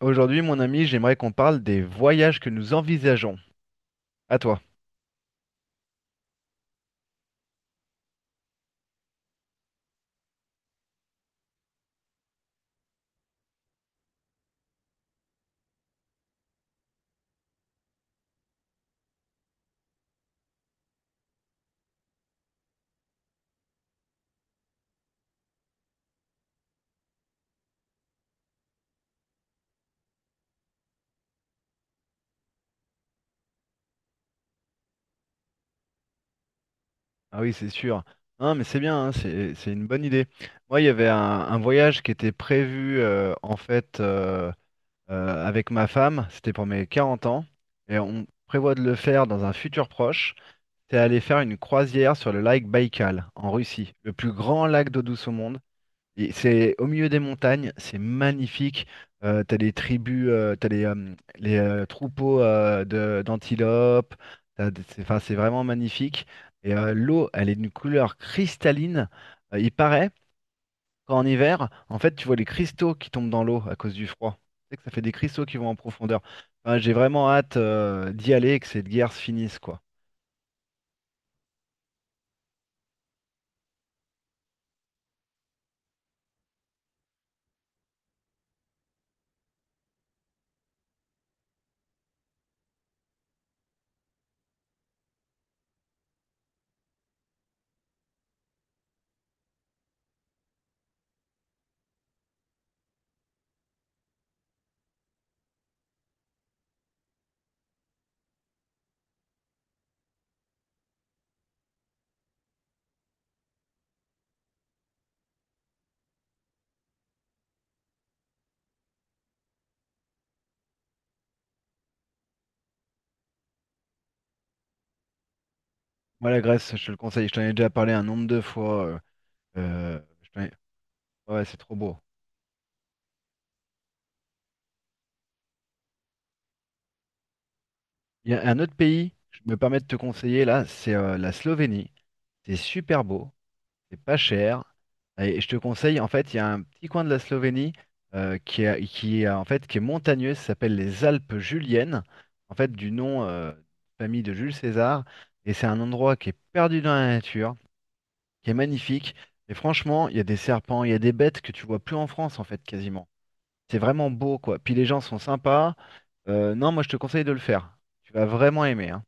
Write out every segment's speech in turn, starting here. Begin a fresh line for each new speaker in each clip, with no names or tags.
Aujourd'hui, mon ami, j'aimerais qu'on parle des voyages que nous envisageons. À toi. Ah oui, c'est sûr. Non, mais c'est bien, hein, c'est une bonne idée. Moi, il y avait un voyage qui était prévu en fait avec ma femme. C'était pour mes 40 ans et on prévoit de le faire dans un futur proche. C'est aller faire une croisière sur le lac Baïkal en Russie, le plus grand lac d'eau douce au monde. Et c'est au milieu des montagnes, c'est magnifique. T'as les tribus, t'as les troupeaux d'antilopes. C'est, enfin, c'est vraiment magnifique. Et l'eau, elle est d'une couleur cristalline. Il paraît qu'en hiver, en fait, tu vois les cristaux qui tombent dans l'eau à cause du froid. Tu sais que ça fait des cristaux qui vont en profondeur. Enfin, j'ai vraiment hâte d'y aller et que cette guerre se finisse, quoi. Moi, la Grèce, je te le conseille. Je t'en ai déjà parlé un nombre de fois. Euh, je t'en ai- Ouais, c'est trop beau. Il y a un autre pays, je me permets de te conseiller là, c'est la Slovénie. C'est super beau, c'est pas cher. Et je te conseille, en fait, il y a un petit coin de la Slovénie qui est, qui est montagneux, ça s'appelle les Alpes Juliennes, en fait, du nom de famille de Jules César. Et c'est un endroit qui est perdu dans la nature, qui est magnifique. Et franchement, il y a des serpents, il y a des bêtes que tu vois plus en France, en fait, quasiment. C'est vraiment beau, quoi. Puis les gens sont sympas. Non, moi, je te conseille de le faire. Tu vas vraiment aimer, hein.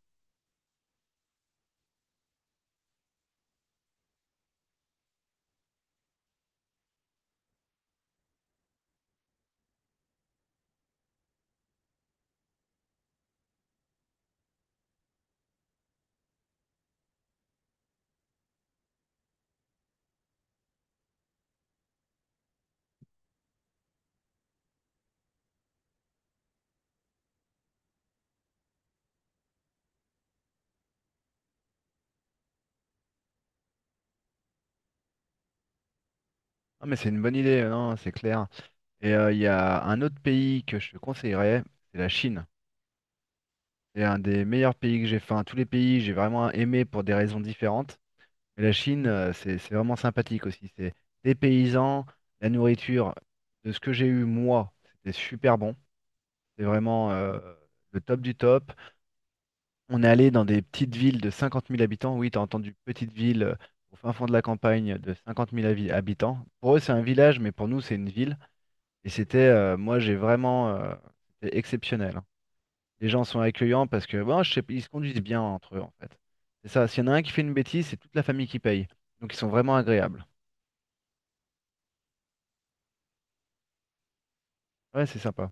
Ah, mais c'est une bonne idée, non, c'est clair. Et il y a un autre pays que je te conseillerais, c'est la Chine. C'est un des meilleurs pays que j'ai fait. Enfin, tous les pays, j'ai vraiment aimé pour des raisons différentes. Mais la Chine, c'est vraiment sympathique aussi. C'est des paysans, la nourriture, de ce que j'ai eu moi, c'était super bon. C'est vraiment le top du top. On est allé dans des petites villes de 50 000 habitants. Oui, t'as entendu petite ville au fin fond de la campagne de 50 000 habitants. Pour eux, c'est un village, mais pour nous, c'est une ville. Et c'était, c'était exceptionnel, hein. Les gens sont accueillants parce que, bon, je sais, ils se conduisent bien entre eux, en fait. C'est ça. S'il y en a un qui fait une bêtise, c'est toute la famille qui paye. Donc, ils sont vraiment agréables. Ouais, c'est sympa.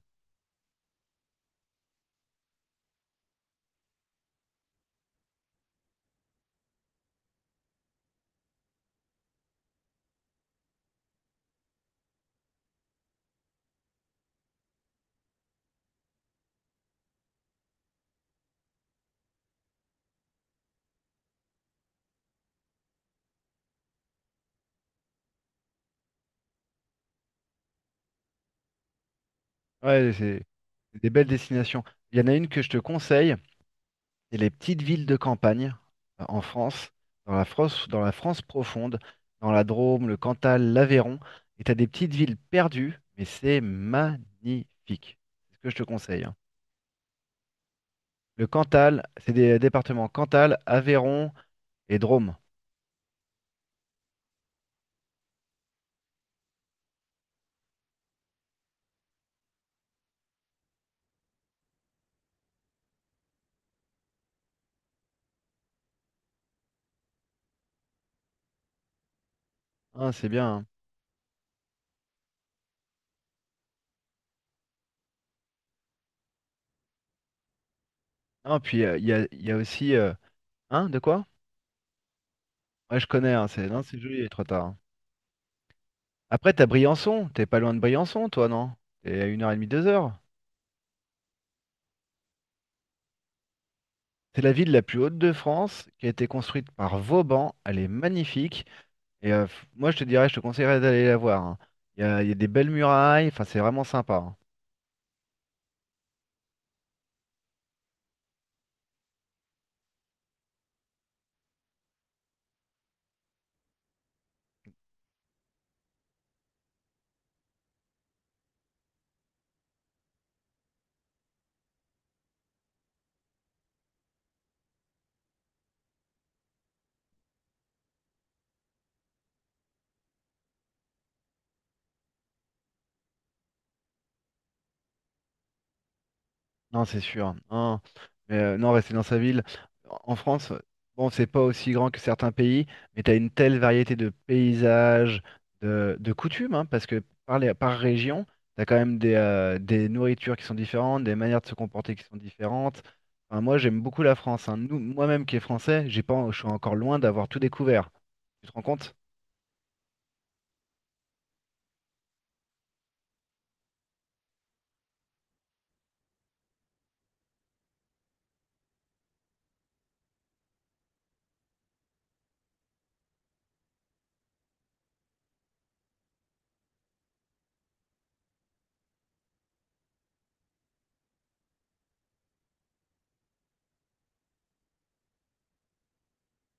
Ouais, c'est des belles destinations. Il y en a une que je te conseille, c'est les petites villes de campagne en France, dans la France profonde, dans la Drôme, le Cantal, l'Aveyron. Et tu as des petites villes perdues, mais c'est magnifique. C'est ce que je te conseille, hein. Le Cantal, c'est des départements Cantal, Aveyron et Drôme. Hein, c'est bien, hein. Non, puis il y a aussi. Hein, de quoi? Ouais, je connais, hein, c'est non, c'est joli, les tard, hein. Après, t'as Briançon, t'es pas loin de Briançon, toi, non? T'es à une heure et demie, deux heures. C'est la ville la plus haute de France, qui a été construite par Vauban. Elle est magnifique. Et moi, je te conseillerais d'aller la voir, hein. Il y a des belles murailles, enfin, c'est vraiment sympa, hein. Non, c'est sûr. Non, mais non, rester dans sa ville. En France, bon, c'est pas aussi grand que certains pays, mais tu as une telle variété de paysages, de coutumes, hein, parce que par région, tu as quand même des nourritures qui sont différentes, des manières de se comporter qui sont différentes. Enfin, moi, j'aime beaucoup la France, hein. Nous, moi-même qui est français, j'ai pas, je suis encore loin d'avoir tout découvert. Tu te rends compte?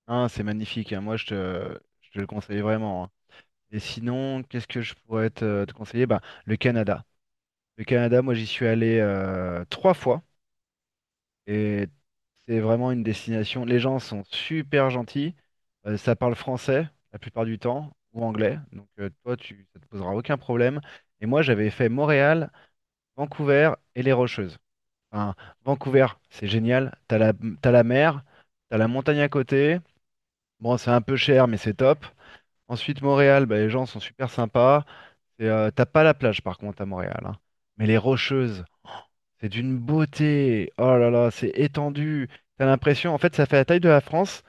Hein, c'est magnifique, hein. Moi, je te le conseille vraiment, hein. Et sinon, qu'est-ce que je pourrais te conseiller? Bah, le Canada. Le Canada, moi j'y suis allé trois fois et c'est vraiment une destination. Les gens sont super gentils, ça parle français la plupart du temps ou anglais, donc ça te posera aucun problème. Et moi j'avais fait Montréal, Vancouver et les Rocheuses. Enfin, Vancouver, c'est génial, t'as la mer, t'as la montagne à côté. Bon, c'est un peu cher mais c'est top. Ensuite Montréal, bah, les gens sont super sympas. Et, t'as pas la plage par contre à Montréal, hein. Mais les Rocheuses. C'est d'une beauté. Oh là là, c'est étendu. T'as l'impression, en fait, ça fait la taille de la France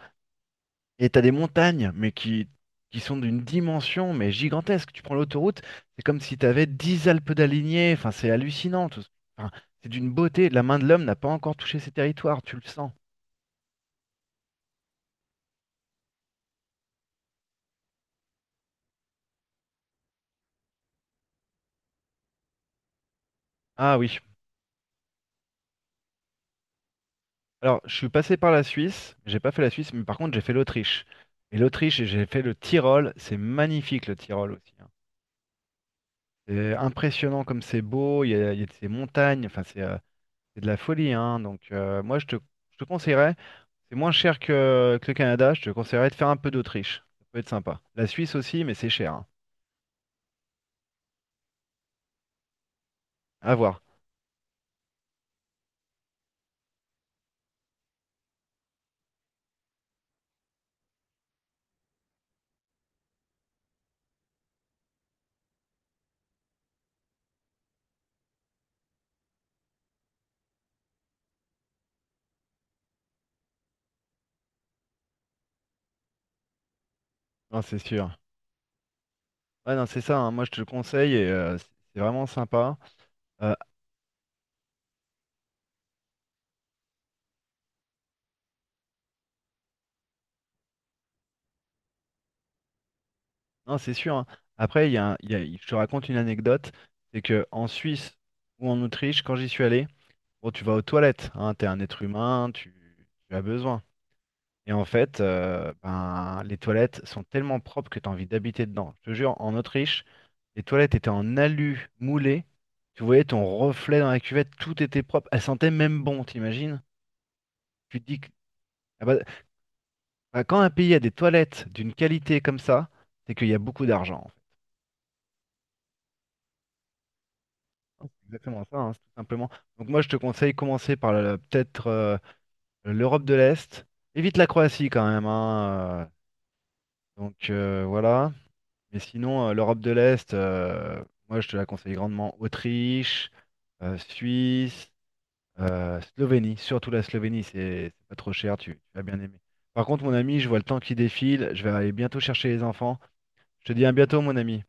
et t'as des montagnes, qui sont d'une dimension mais gigantesque. Tu prends l'autoroute, c'est comme si t'avais 10 Alpes d'alignées. Enfin, c'est hallucinant. enfin, c'est d'une beauté. La main de l'homme n'a pas encore touché ces territoires, tu le sens. Ah oui. Alors, je suis passé par la Suisse. J'ai pas fait la Suisse, mais par contre, j'ai fait l'Autriche. Et l'Autriche, j'ai fait le Tyrol. C'est magnifique, le Tyrol aussi, hein. C'est impressionnant comme c'est beau. Il y a de ces montagnes. Enfin, c'est de la folie, hein. Donc moi, je te conseillerais, c'est moins cher que le Canada, je te conseillerais de faire un peu d'Autriche. Ça peut être sympa. La Suisse aussi, mais c'est cher, hein. À voir. Non, c'est sûr. Ouais, non, c'est ça, hein. Moi, je te le conseille et c'est vraiment sympa. Euh, non, c'est sûr, hein. Après, je te raconte une anecdote, c'est que en Suisse ou en Autriche, quand j'y suis allé, bon, tu vas aux toilettes, hein. T'es un être humain, tu as besoin. Et en fait, ben, les toilettes sont tellement propres que tu as envie d'habiter dedans. Je te jure, en Autriche, les toilettes étaient en alu moulé. Tu voyais ton reflet dans la cuvette, tout était propre. Elle sentait même bon, t'imagines? Tu te dis que ah bah, quand un pays a des toilettes d'une qualité comme ça, c'est qu'il y a beaucoup d'argent, en fait. C'est exactement ça, hein, c'est tout simplement. Donc moi, je te conseille commencer par peut-être l'Europe de l'Est. Évite la Croatie quand même, hein, donc voilà. Mais sinon, l'Europe de l'Est, moi, je te la conseille grandement. Autriche, Suisse. Slovénie, surtout la Slovénie, c'est pas trop cher, tu vas bien aimer. Par contre, mon ami, je vois le temps qui défile, je vais aller bientôt chercher les enfants. Je te dis à bientôt, mon ami.